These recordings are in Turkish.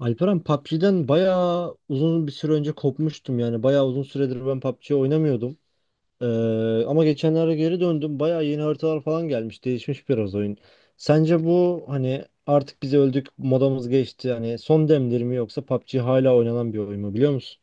Alperen, PUBG'den bayağı uzun bir süre önce kopmuştum yani. Bayağı uzun süredir ben PUBG oynamıyordum. Ama geçenlerde geri döndüm. Bayağı yeni haritalar falan gelmiş. Değişmiş biraz oyun. Sence bu, hani artık biz öldük, modamız geçti, hani son demdir mi, yoksa PUBG hala oynanan bir oyun mu, biliyor musun?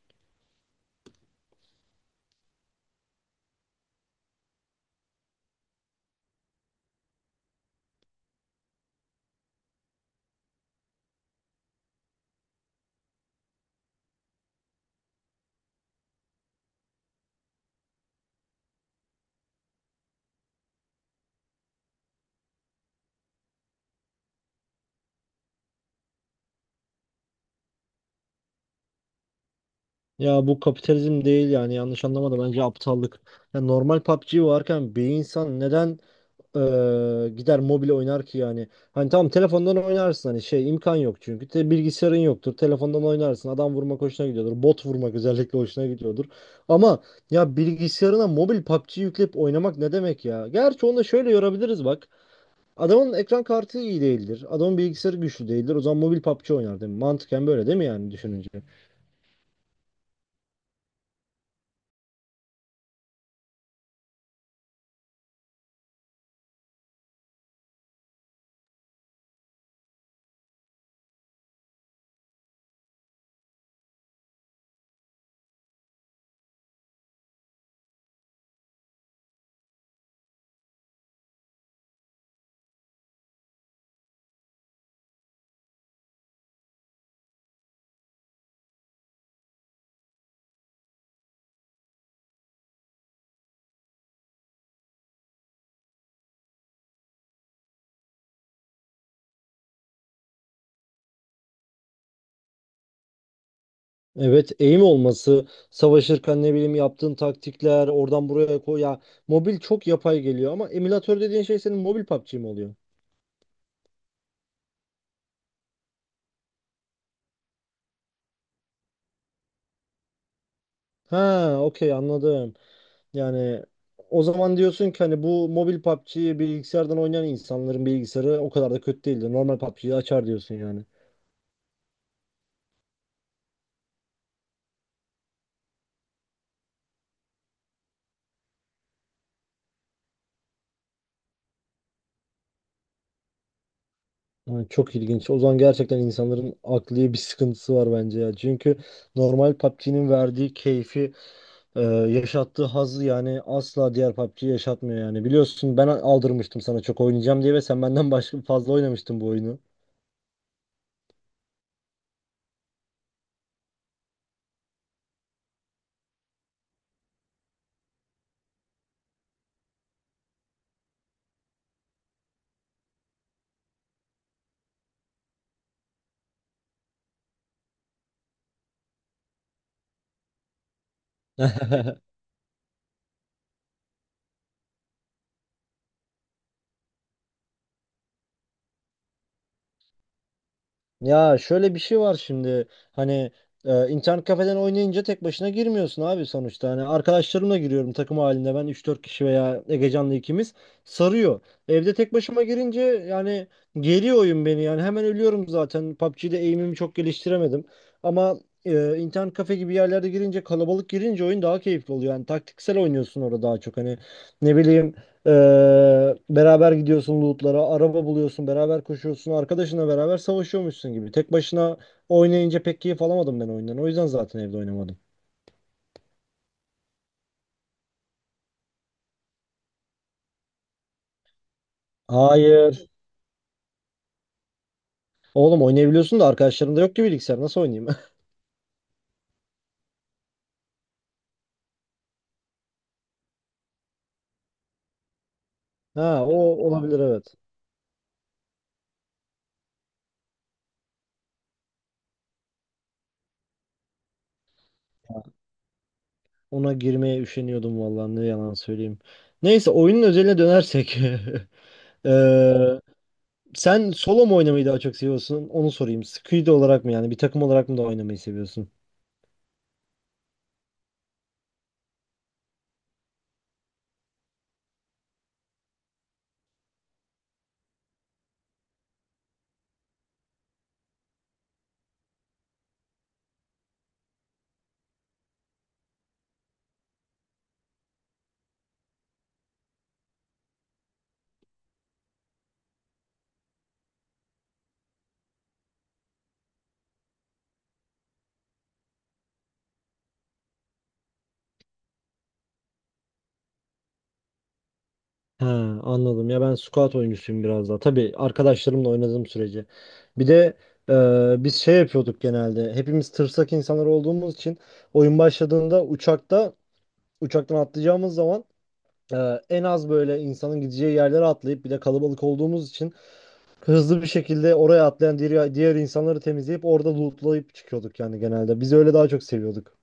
Ya bu kapitalizm değil yani, yanlış anlama da, bence aptallık. Ya normal PUBG varken bir insan neden gider mobil oynar ki yani? Hani tamam, telefondan oynarsın, hani şey, imkan yok çünkü. Bilgisayarın yoktur. Telefondan oynarsın. Adam vurmak hoşuna gidiyordur. Bot vurmak özellikle hoşuna gidiyordur. Ama ya, bilgisayarına mobil PUBG yükleyip oynamak ne demek ya? Gerçi onu da şöyle yorabiliriz bak. Adamın ekran kartı iyi değildir. Adamın bilgisayarı güçlü değildir. O zaman mobil PUBG oynar, değil mi? Mantıken böyle değil mi yani, düşününce? Evet, eğim olması, savaşırken ne bileyim yaptığın taktikler, oradan buraya koy ya. Mobil çok yapay geliyor ama emülatör dediğin şey senin mobil PUBG mi oluyor? Ha, okey, anladım. Yani o zaman diyorsun ki hani bu mobil PUBG'yi bilgisayardan oynayan insanların bilgisayarı o kadar da kötü değildi. Normal PUBG'yi açar diyorsun yani. Yani çok ilginç. O zaman gerçekten insanların akli bir sıkıntısı var bence ya. Çünkü normal PUBG'nin verdiği keyfi, Ee, yaşattığı hazzı yani asla diğer PUBG yaşatmıyor yani. Biliyorsun, ben aldırmıştım sana çok oynayacağım diye ve sen benden başka fazla oynamıştın bu oyunu. Ya şöyle bir şey var şimdi, hani internet kafeden oynayınca tek başına girmiyorsun abi sonuçta. Hani arkadaşlarımla giriyorum takım halinde, ben üç dört kişi veya Egecan'la ikimiz sarıyor. Evde tek başıma girince yani geriyor oyun beni yani, hemen ölüyorum zaten. PUBG'de aim'imi çok geliştiremedim. Ama internet kafe gibi yerlerde girince, kalabalık girince, oyun daha keyifli oluyor. Yani taktiksel oynuyorsun orada daha çok, hani ne bileyim, beraber gidiyorsun lootlara, araba buluyorsun, beraber koşuyorsun, arkadaşınla beraber savaşıyormuşsun gibi. Tek başına oynayınca pek keyif alamadım ben oyundan. O yüzden zaten evde oynamadım. Hayır. Oğlum, oynayabiliyorsun da arkadaşlarım da yok ki bilgisayar. Nasıl oynayayım? Ha, o olabilir, evet. Ona girmeye üşeniyordum, vallahi ne yalan söyleyeyim. Neyse, oyunun özeline dönersek. Ee, sen solo mu oynamayı daha çok seviyorsun? Onu sorayım. Squid olarak mı yani, bir takım olarak mı da oynamayı seviyorsun? He, anladım. Ya ben squat oyuncusuyum biraz daha. Tabii arkadaşlarımla oynadığım sürece. Bir de biz şey yapıyorduk genelde. Hepimiz tırsak insanlar olduğumuz için oyun başladığında, uçakta, uçaktan atlayacağımız zaman e, en az böyle insanın gideceği yerlere atlayıp, bir de kalabalık olduğumuz için hızlı bir şekilde oraya atlayan diğer insanları temizleyip orada lootlayıp çıkıyorduk yani genelde. Biz öyle daha çok seviyorduk.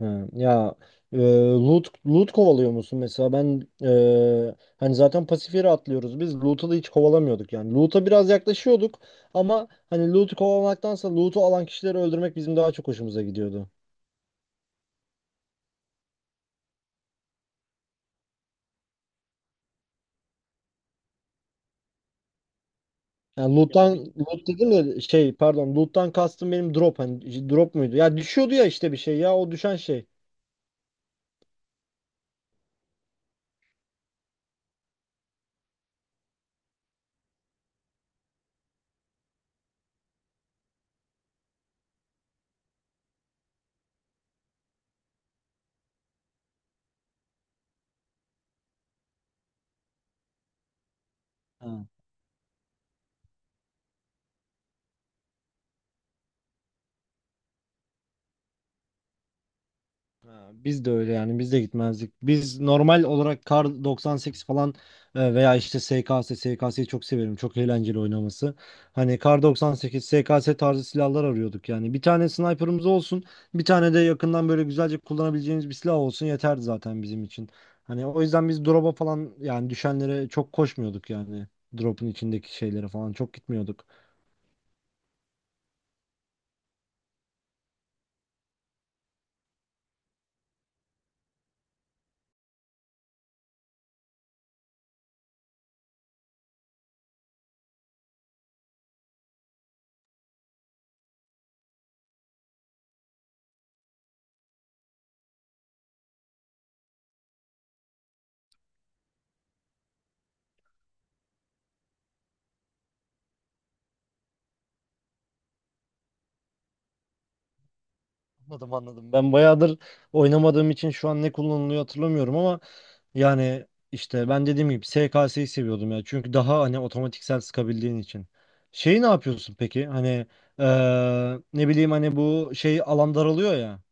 Ha, ya e, loot kovalıyor musun mesela? Ben hani zaten pasif yere atlıyoruz, biz loot'u da hiç kovalamıyorduk yani, loot'a biraz yaklaşıyorduk ama hani loot'u kovalamaktansa loot'u alan kişileri öldürmek bizim daha çok hoşumuza gidiyordu. Yani loot'tan, loot dedim de şey pardon, loot'tan kastım benim drop, hani drop muydu? Ya düşüyordu ya işte bir şey, ya o düşen şey. Ha. Ha, biz de öyle yani, biz de gitmezdik. Biz normal olarak Kar 98 falan, veya işte SKS'yi çok severim. Çok eğlenceli oynaması. Hani Kar 98, SKS tarzı silahlar arıyorduk yani. Bir tane sniper'ımız olsun, bir tane de yakından böyle güzelce kullanabileceğimiz bir silah olsun yeterdi zaten bizim için. Hani o yüzden biz drop'a falan, yani düşenlere çok koşmuyorduk yani. Drop'un içindeki şeylere falan çok gitmiyorduk. Anladım, anladım. Ben bayağıdır oynamadığım için şu an ne kullanılıyor hatırlamıyorum ama yani işte ben dediğim gibi SKS'yi seviyordum ya. Çünkü daha hani otomatiksel sıkabildiğin için. Şeyi ne yapıyorsun peki? Hani ne bileyim, hani bu şey, alan daralıyor ya.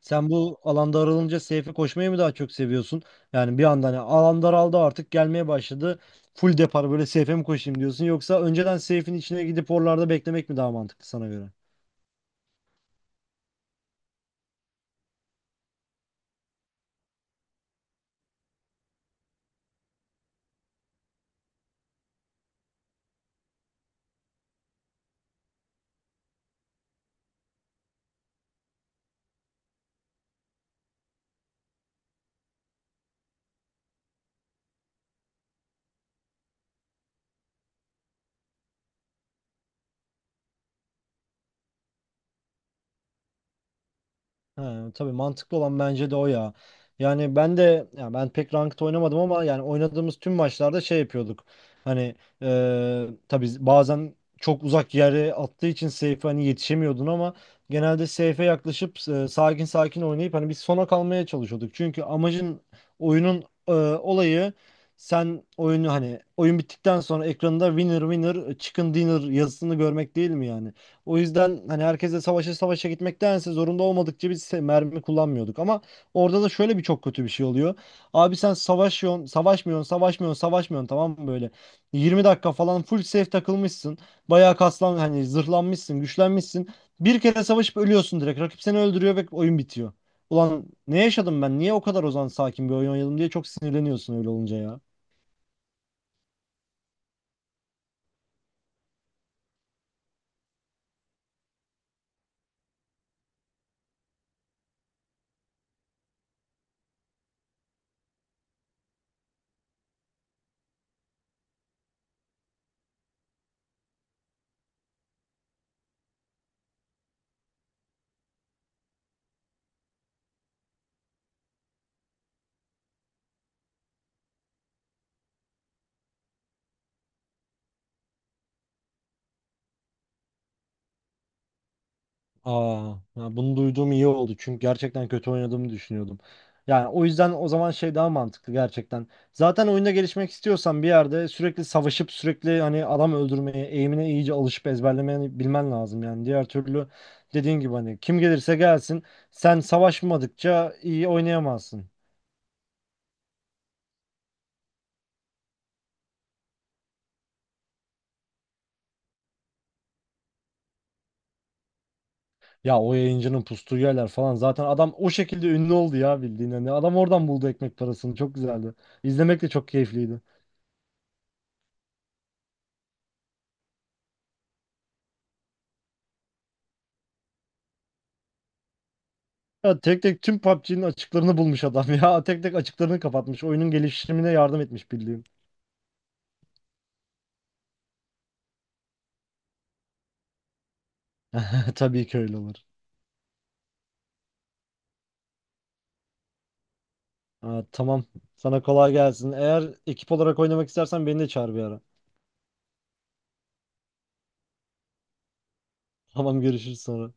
Sen bu alan daralınca safe'e koşmayı mı daha çok seviyorsun? Yani bir anda hani alan daraldı, artık gelmeye başladı. Full depar böyle safe'e mi koşayım diyorsun? Yoksa önceden safe'in içine gidip oralarda beklemek mi daha mantıklı sana göre? Ha, tabii mantıklı olan bence de o ya. Yani ben de, ya ben pek ranked oynamadım ama yani oynadığımız tüm maçlarda şey yapıyorduk. Hani tabii bazen çok uzak yere attığı için safe'e hani yetişemiyordun ama genelde safe'e yaklaşıp sakin sakin oynayıp hani biz sona kalmaya çalışıyorduk. Çünkü amacın, oyunun olayı, sen oyunu hani oyun bittikten sonra ekranda winner winner chicken dinner yazısını görmek değil mi yani? O yüzden hani herkese savaşa savaşa gitmektense, zorunda olmadıkça biz mermi kullanmıyorduk. Ama orada da şöyle bir çok kötü bir şey oluyor. Abi sen savaşıyorsun, savaşmıyorsun, savaşmıyorsun, savaşmıyorsun, tamam mı böyle? 20 dakika falan full safe takılmışsın. Bayağı kaslan, hani zırhlanmışsın, güçlenmişsin. Bir kere savaşıp ölüyorsun direkt. Rakip seni öldürüyor ve oyun bitiyor. Ulan ne yaşadım ben? Niye o kadar o zaman sakin bir oyun oynadım diye çok sinirleniyorsun öyle olunca ya. Aa, ya bunu duyduğum iyi oldu çünkü gerçekten kötü oynadığımı düşünüyordum. Yani o yüzden o zaman şey daha mantıklı gerçekten. Zaten oyunda gelişmek istiyorsan bir yerde sürekli savaşıp sürekli hani adam öldürmeye, eğimine iyice alışıp ezberlemeye bilmen lazım yani. Diğer türlü dediğin gibi hani kim gelirse gelsin, sen savaşmadıkça iyi oynayamazsın. Ya o yayıncının pustuğu yerler falan, zaten adam o şekilde ünlü oldu ya bildiğin, hani adam oradan buldu ekmek parasını, çok güzeldi. İzlemek de çok keyifliydi. Ya tek tek tüm PUBG'nin açıklarını bulmuş adam ya. Tek tek açıklarını kapatmış. Oyunun gelişimine yardım etmiş bildiğin. Tabii ki öyle olur. Ha, tamam. Sana kolay gelsin. Eğer ekip olarak oynamak istersen beni de çağır bir ara. Tamam, görüşürüz sonra.